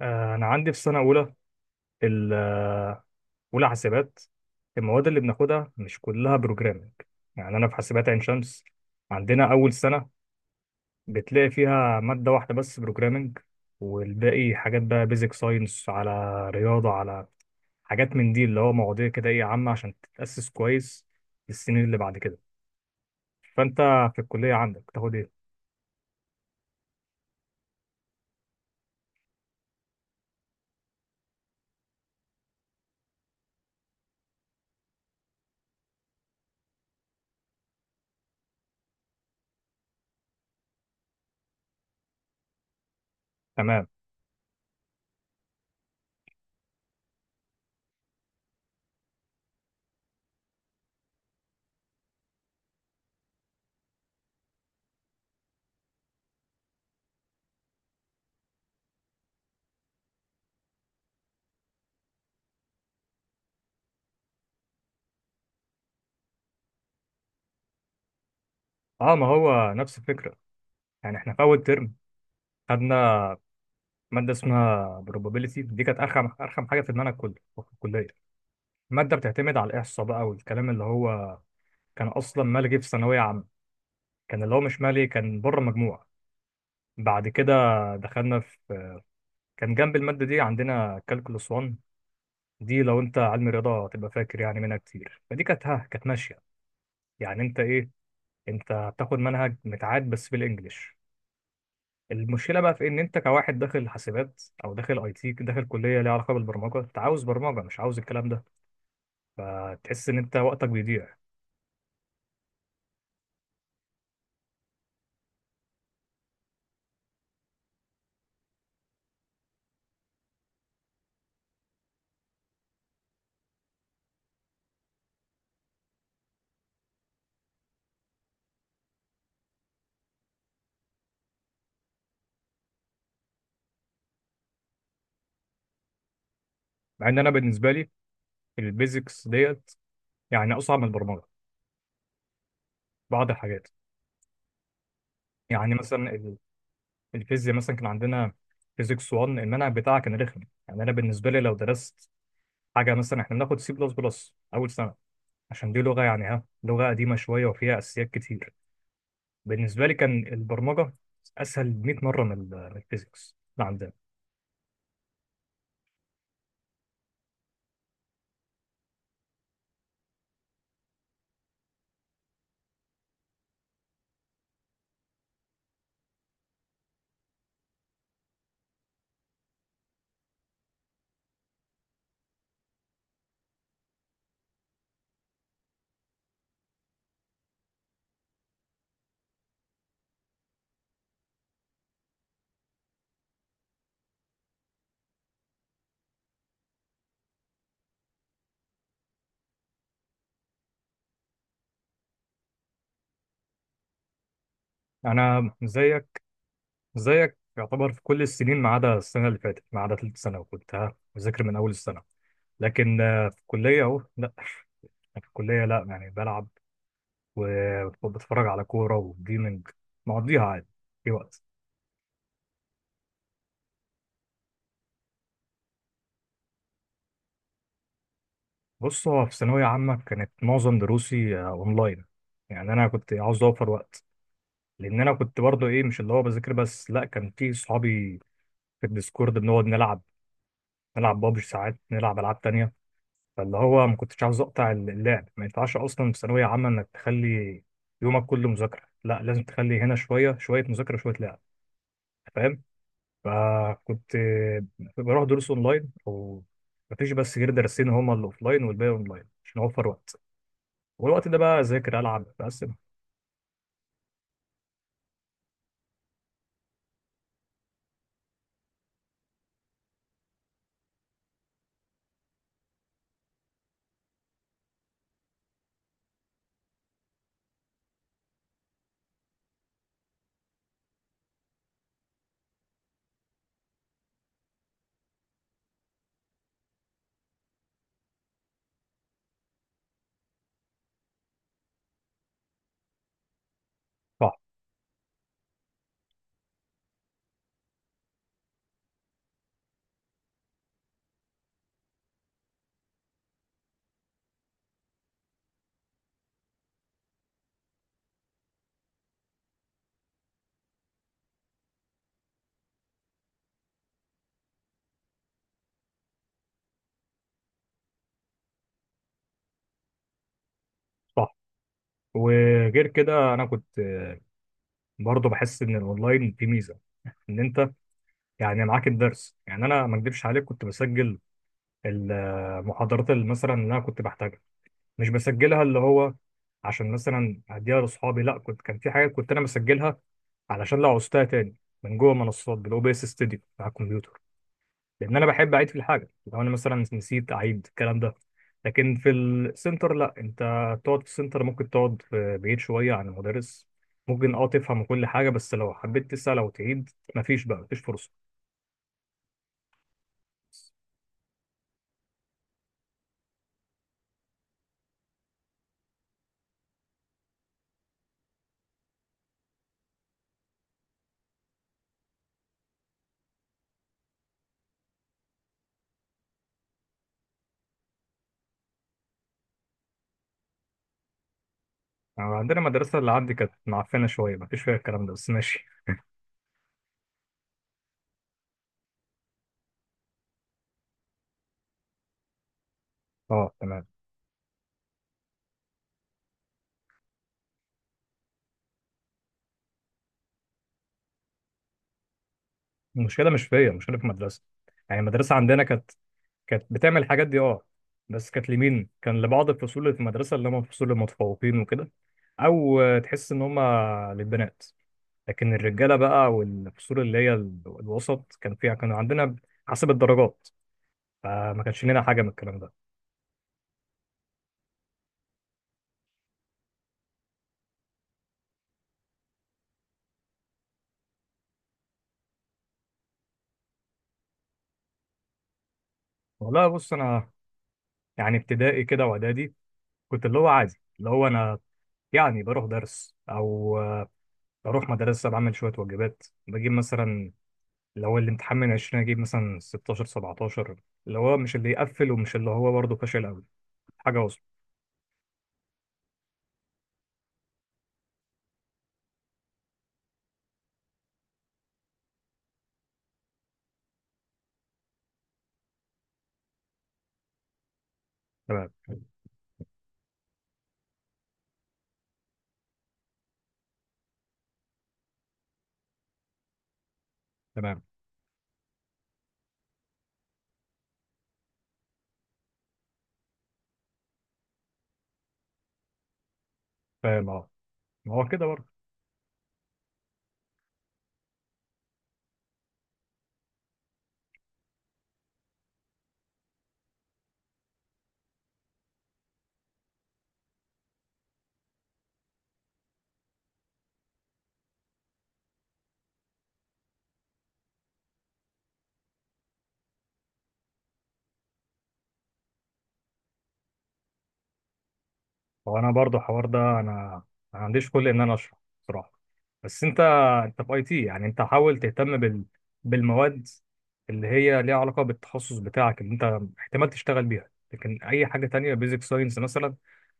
أنا عندي في سنة أولى ال- آه، أولى حاسبات. المواد اللي بناخدها مش كلها بروجرامنج، يعني أنا في حاسبات عين شمس، عندنا أول سنة بتلاقي فيها مادة واحدة بس بروجرامنج، والباقي حاجات بقى بيزك ساينس، على رياضة، على حاجات من دي اللي هو مواضيع كده إيه عامة عشان تتأسس كويس للسنين اللي بعد كده. فأنت في الكلية عندك تاخد إيه؟ تمام. أه، ما هو نفس الفكرة، يعني إحنا في أول ترم خدنا مادة اسمها probability. دي كانت أرخم أرخم حاجة في دماغنا كله في الكلية. المادة بتعتمد على الإحصاء بقى، والكلام اللي هو كان أصلا ملغي في ثانوية عامة، كان اللي هو مش مالي، كان بره مجموعة. بعد كده دخلنا في، كان جنب المادة دي عندنا calculus 1، دي لو أنت علم رياضة هتبقى فاكر يعني منها كتير، فدي كانت كانت ماشية. يعني أنت إيه، أنت بتاخد منهج متعاد بس بالإنجليش. المشكله بقى في ان انت كواحد داخل حاسبات او داخل اي تي، داخل كليه ليها علاقه بالبرمجه، انت عاوز برمجه مش عاوز الكلام ده، فتحس ان انت وقتك بيضيع. مع ان انا بالنسبه لي البيزكس ديت يعني اصعب من البرمجه بعض الحاجات. يعني مثلا الفيزياء مثلا كان عندنا فيزيكس 1، المنهج بتاعها كان رخم. يعني انا بالنسبه لي لو درست حاجه، مثلا احنا بناخد سي بلس بلس اول سنه، عشان دي لغه يعني لغه قديمه شويه وفيها اساسيات كتير. بالنسبه لي كان البرمجه اسهل 100 مره من من الفيزيكس اللي عندنا. انا زيك. زيك يعتبر في كل السنين، ما عدا السنه اللي فاتت، ما عدا ثالث سنه، وكنت بذاكر من اول السنه. لكن في الكلية أهو لا. في الكلية لا، يعني بلعب وبتفرج على كورة وجيمنج، مقضيها عادي في وقت. بص، هو في ثانوية عامة كانت معظم دروسي أونلاين، يعني أنا كنت عاوز أوفر وقت، لأن أنا كنت برضه إيه، مش اللي هو بذاكر بس، لا كان في صحابي في الديسكورد بنقعد نلعب، نلعب بابجي ساعات، نلعب ألعاب تانية، فاللي هو ما كنتش عاوز أقطع اللعب. ما ينفعش أصلا في ثانوية عامة إنك تخلي يومك كله مذاكرة، لا، لازم تخلي هنا شوية شوية مذاكرة شوية لعب. فاهم؟ فكنت بروح دروس اونلاين، او مفيش بس غير درسين هما اللي اوفلاين والباقي اونلاين عشان اوفر وقت. والوقت ده بقى اذاكر العب بقسم. صح. صح. وغير كده انا كنت برضه بحس ان الاونلاين في ميزه، ان انت يعني معاك الدرس. يعني انا ما اكدبش عليك، كنت بسجل المحاضرات اللي مثلا اللي انا كنت بحتاجها، مش بسجلها اللي هو عشان مثلا اديها لاصحابي، لا كنت، كان في حاجات كنت انا بسجلها علشان لو عوزتها تاني من جوه منصات بالاو بي اس ستوديو على الكمبيوتر، لان انا بحب اعيد في الحاجه لو انا مثلا نسيت اعيد الكلام ده. لكن في السنتر لا، انت تقعد في السنتر، ممكن تقعد في بعيد شويه عن المدرس، ممكن تفهم كل حاجه، بس لو حبيت تسال او تعيد مفيش بقى، مفيش فرصه. يعني عندنا مدرسه اللي عندي كانت معفنه شويه، مفيش فيها الكلام ده بس ماشي. اه، تمام. المشكله مش فيا، المشكله في المدرسه. يعني المدرسه عندنا كانت بتعمل الحاجات دي بس كانت لمين، كان لبعض الفصول اللي في المدرسه، اللي هم الفصول المتفوقين وكده، او تحس ان هم للبنات. لكن الرجاله بقى والفصول اللي هي الوسط، كان فيها كانوا عندنا حسب الدرجات، فما كانش لنا حاجه من الكلام ده. والله بص، انا يعني ابتدائي كده واعدادي كنت اللي هو عادي، اللي هو انا يعني بروح درس او بروح مدرسه، بعمل شويه واجبات، بجيب مثلا اللي هو الامتحان من 20 اجيب مثلا 16 17، اللي هو مش اللي يقفل ومش اللي هو برضه فاشل قوي، حاجه وسط. تمام. تمام، فاهم، اه، ما هو كده برضه. هو انا برضو الحوار ده، انا ما عنديش كل ان انا اشرح بصراحه. بس انت في اي تي يعني، انت حاول تهتم بالمواد اللي هي ليها علاقه بالتخصص بتاعك، اللي انت احتمال تشتغل بيها، لكن اي حاجه تانية بيزك ساينس مثلا،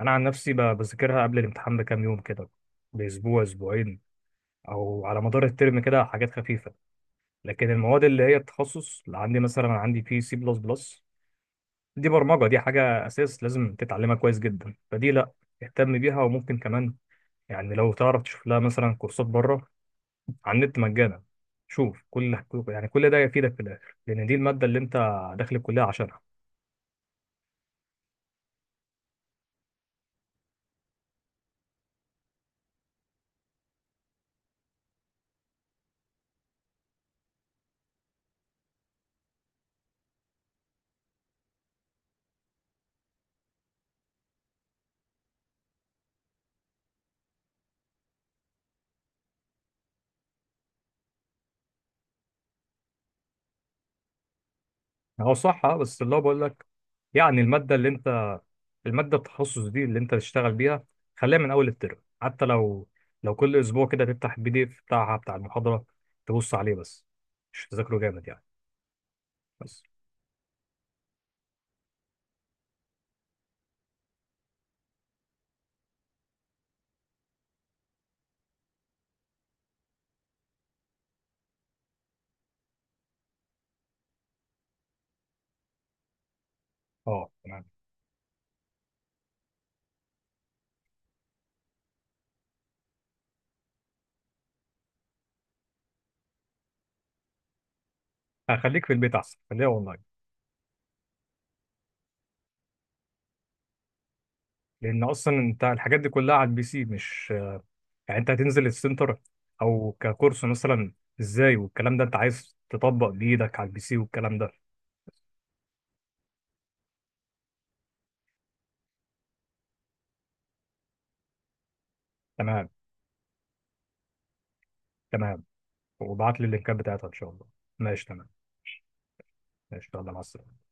انا عن نفسي بذاكرها قبل الامتحان بكام يوم كده، باسبوع اسبوعين، او على مدار الترم كده حاجات خفيفه. لكن المواد اللي هي التخصص اللي عندي، مثلا أنا عندي في سي بلس بلس، دي برمجة، دي حاجة أساس لازم تتعلمها كويس جدا، فدي لأ، اهتم بيها. وممكن كمان يعني لو تعرف تشوف لها مثلا كورسات بره على النت مجانا، شوف كل، يعني كل ده يفيدك في الآخر، لأن دي المادة اللي أنت داخل الكلية عشانها. هو صح بس اللي هو بقول لك، يعني المادة اللي أنت، المادة التخصص دي اللي أنت تشتغل بيها، خليها من أول الترم، حتى لو كل أسبوع كده تفتح البي دي إف بتاعها بتاع المحاضرة، تبص عليه بس، مش تذاكره جامد يعني، بس. أه، تمام. هخليك في البيت أحسن، خليها أونلاين، لان اصلا انت الحاجات دي كلها على البي سي، مش يعني انت هتنزل السنتر او ككورس مثلا ازاي، والكلام ده انت عايز تطبق بايدك على البي سي والكلام ده. تمام. تمام، وابعت لي اللينكات بتاعتها ان شاء الله. ماشي تمام. ماشي، يلا مع السلامه.